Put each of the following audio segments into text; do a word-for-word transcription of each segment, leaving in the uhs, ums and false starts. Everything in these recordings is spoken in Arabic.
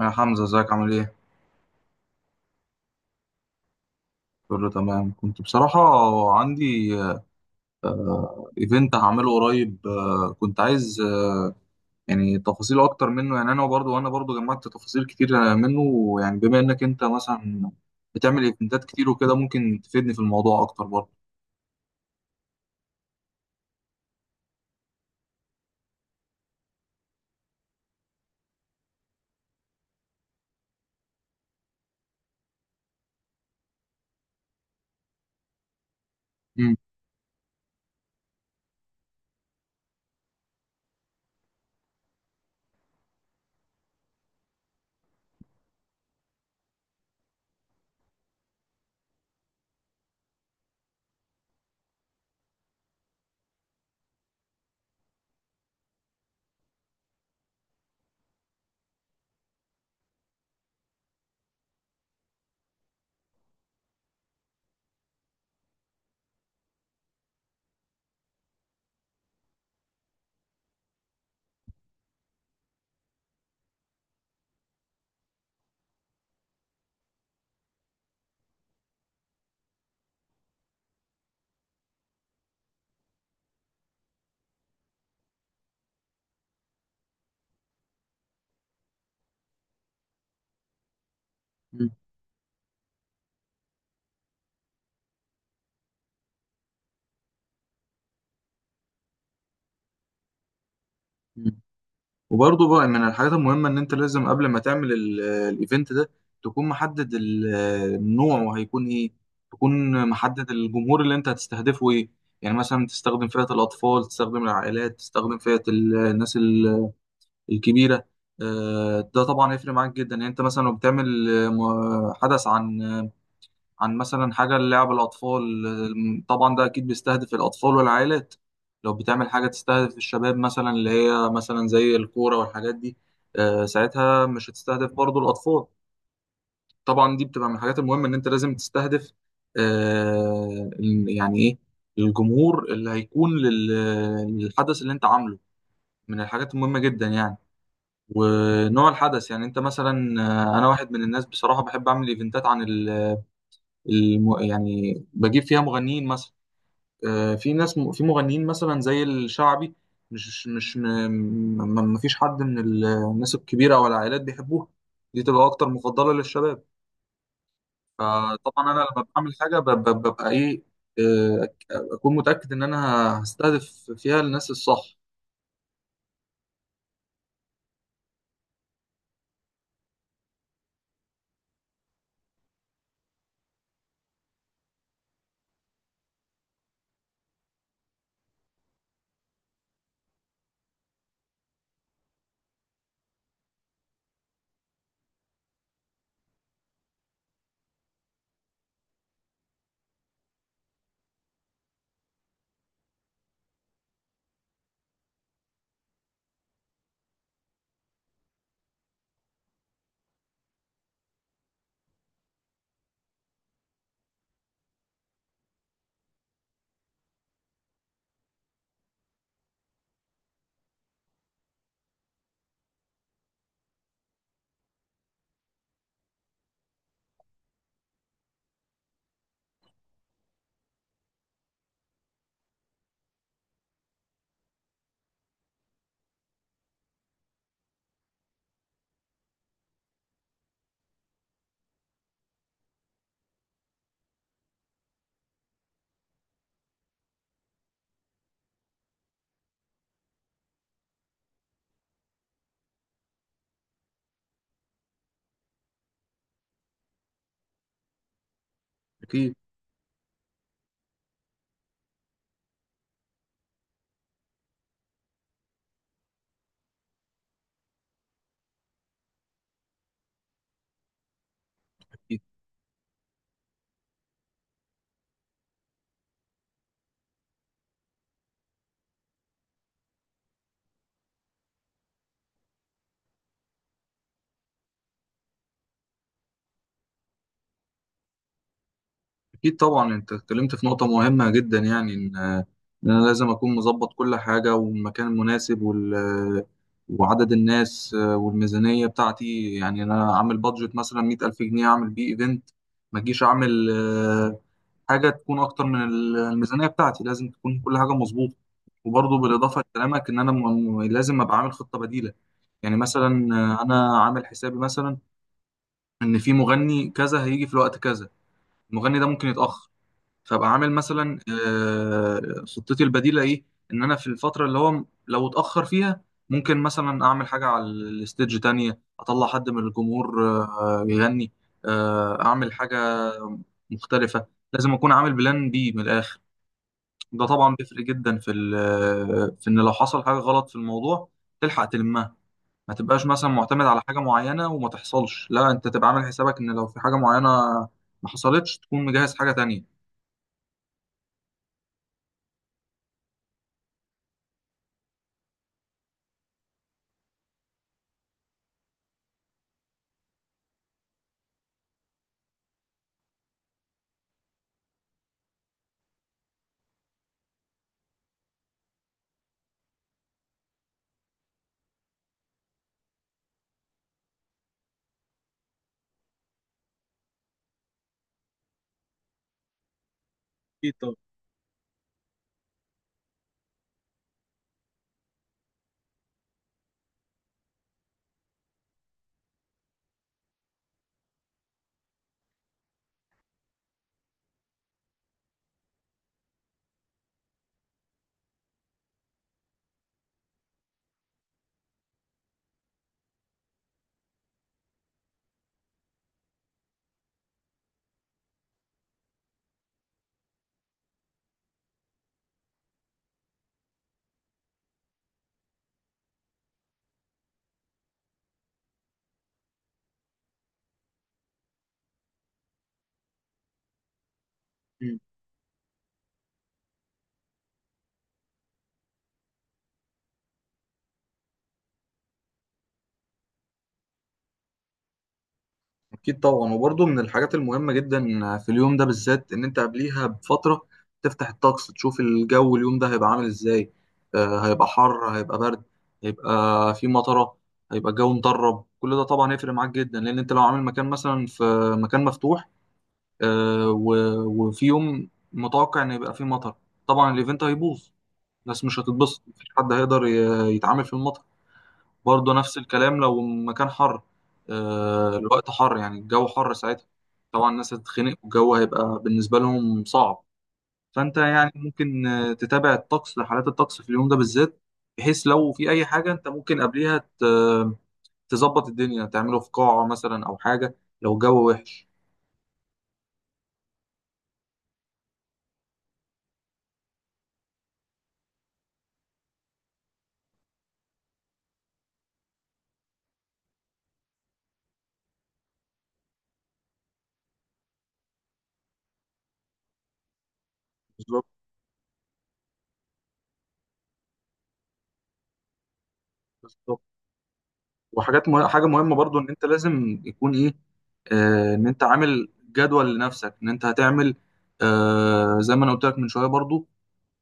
يا حمزة، ازيك عامل ايه؟ كله تمام. كنت بصراحة عندي آه، ايفنت هعمله قريب. آه، كنت عايز آه، يعني تفاصيل اكتر منه. يعني انا برضو وانا برضو جمعت تفاصيل كتير آه، منه، يعني بما انك انت مثلا بتعمل ايفنتات كتير وكده، ممكن تفيدني في الموضوع اكتر برضو. مم. مم. وبرضه بقى من الحاجات المهمة إن أنت لازم قبل ما تعمل ال- الإيفنت ده، تكون محدد ال- النوع وهيكون إيه، تكون محدد الجمهور اللي أنت هتستهدفه إيه. يعني مثلا تستخدم فئة الأطفال، تستخدم العائلات، تستخدم فئة ال- الناس ال- الكبيرة. آه، ده طبعا هيفرق معاك جدا. يعني أنت مثلا لو بتعمل آه، م- حدث عن عن مثلا حاجة للعب الأطفال، الم- طبعا ده أكيد بيستهدف الأطفال والعائلات. لو بتعمل حاجة تستهدف الشباب مثلا اللي هي مثلا زي الكورة والحاجات دي، آه، ساعتها مش هتستهدف برضو الأطفال. طبعا دي بتبقى من الحاجات المهمة إن أنت لازم تستهدف آه، ال- يعني إيه الجمهور اللي هيكون لل- للحدث اللي أنت عامله. من الحاجات المهمة جدا يعني، ونوع الحدث يعني. أنت مثلا آه، أنا واحد من الناس بصراحة بحب أعمل إيفنتات عن الم... يعني بجيب فيها مغنيين مثلا. آه، في ناس م... في مغنيين مثلا زي الشعبي. مش مش م... ما ما فيش حد من ال- الناس الكبيرة أو العائلات بيحبوها. دي تبقى أكتر مفضلة للشباب. فطبعا أنا لما بعمل حاجة ب... ب... ببقى إيه. آه، أكون متأكد إن أنا هستهدف فيها الناس الصح. أكيد. أكيد طبعا. أنت اتكلمت في نقطة مهمة جدا، يعني إن إن أنا لازم أكون مظبط كل حاجة، والمكان المناسب، وال وعدد الناس والميزانية بتاعتي. يعني أنا أعمل بادجت مثلا مية ألف جنيه أعمل بيه إيفنت، ما أجيش أعمل آه، حاجة تكون أكتر من ال- الميزانية بتاعتي. لازم تكون كل حاجة مظبوطة. وبرضه بالإضافة لكلامك، إن أنا م- م- لازم أبقى عامل خطة بديلة. يعني مثلا آه، أنا عامل حسابي مثلا إن في مغني كذا هيجي في الوقت كذا. المغني ده ممكن يتأخر، فابقى عامل مثلا آه، خطتي البديله ايه. ان انا في الفتره اللي هو م- لو اتاخر فيها، ممكن مثلا اعمل حاجه على الستيج تانية، اطلع حد من الجمهور آه، يغني، آه، اعمل حاجه مختلفه. لازم اكون عامل بلان بي من الاخر. ده طبعا بيفرق جدا في ال- في ان لو حصل حاجه غلط في الموضوع تلحق تلمها. ما تبقاش مثلا معتمد على حاجه معينه وما تحصلش، لا انت تبقى عامل حسابك ان لو في حاجه معينه ما حصلتش تكون مجهز حاجه تانية. اكيد طبعا. أكيد طبعا. وبرضه من الحاجات المهمة جدا في اليوم ده بالذات، إن أنت قبليها بفترة تفتح الطقس تشوف الجو اليوم ده هيبقى عامل إزاي. آه، هيبقى حر، هيبقى برد، هيبقى في مطرة، هيبقى الجو مطرب. كل ده طبعا هيفرق معاك جدا، لأن أنت لو عامل مكان مثلا في مكان مفتوح، آه، و- وفي يوم متوقع إن يبقى فيه مطر، طبعا الإيفنت هيبوظ. الناس مش هتتبسط، مفيش حد هيقدر ي- يتعامل في المطر. برضه نفس الكلام لو مكان حر، آه، الوقت حر يعني الجو حر. ساعتها طبعا الناس هتتخنق والجو هيبقى بالنسبة لهم صعب. فأنت يعني ممكن آه، تتابع الطقس، حالات الطقس في اليوم ده بالذات، بحيث لو في أي حاجة أنت ممكن قبليها ت- تظبط الدنيا، تعمله في قاعة مثلا أو حاجة لو الجو وحش. بالظبط. بالظبط. وحاجات مه... حاجة مهمة برضو، إن أنت لازم يكون إيه. آه، إن أنت عامل جدول لنفسك إن أنت هتعمل. آه، زي ما أنا قلت لك من شوية برضو.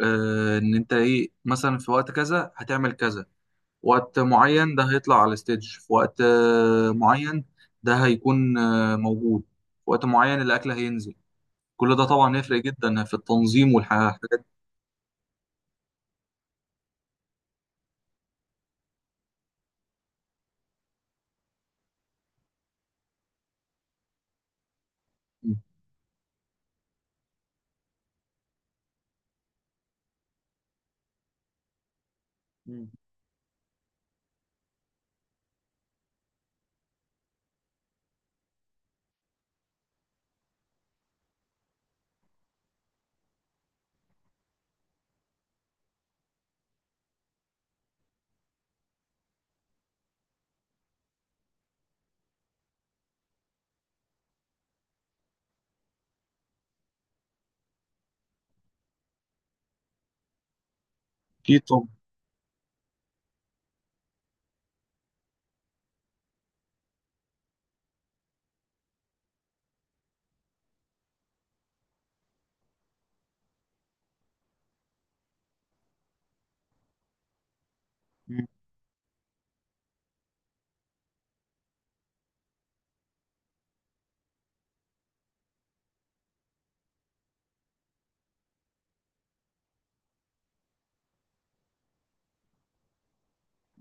آه، ان انت ايه مثلا في وقت كذا هتعمل كذا. وقت معين ده هيطلع على الستيج في وقت آه، معين. ده هيكون آه، موجود في وقت معين. الاكل هينزل. كل ده طبعا يفرق جدا في التنظيم والحاجات دي. مم. اكيد طبعا. مم.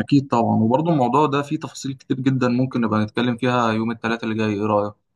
اكيد طبعا. وبرضه الموضوع ده فيه تفاصيل كتير جدا. ممكن نبقى نتكلم فيها يوم الثلاثاء اللي جاي، ايه رايك؟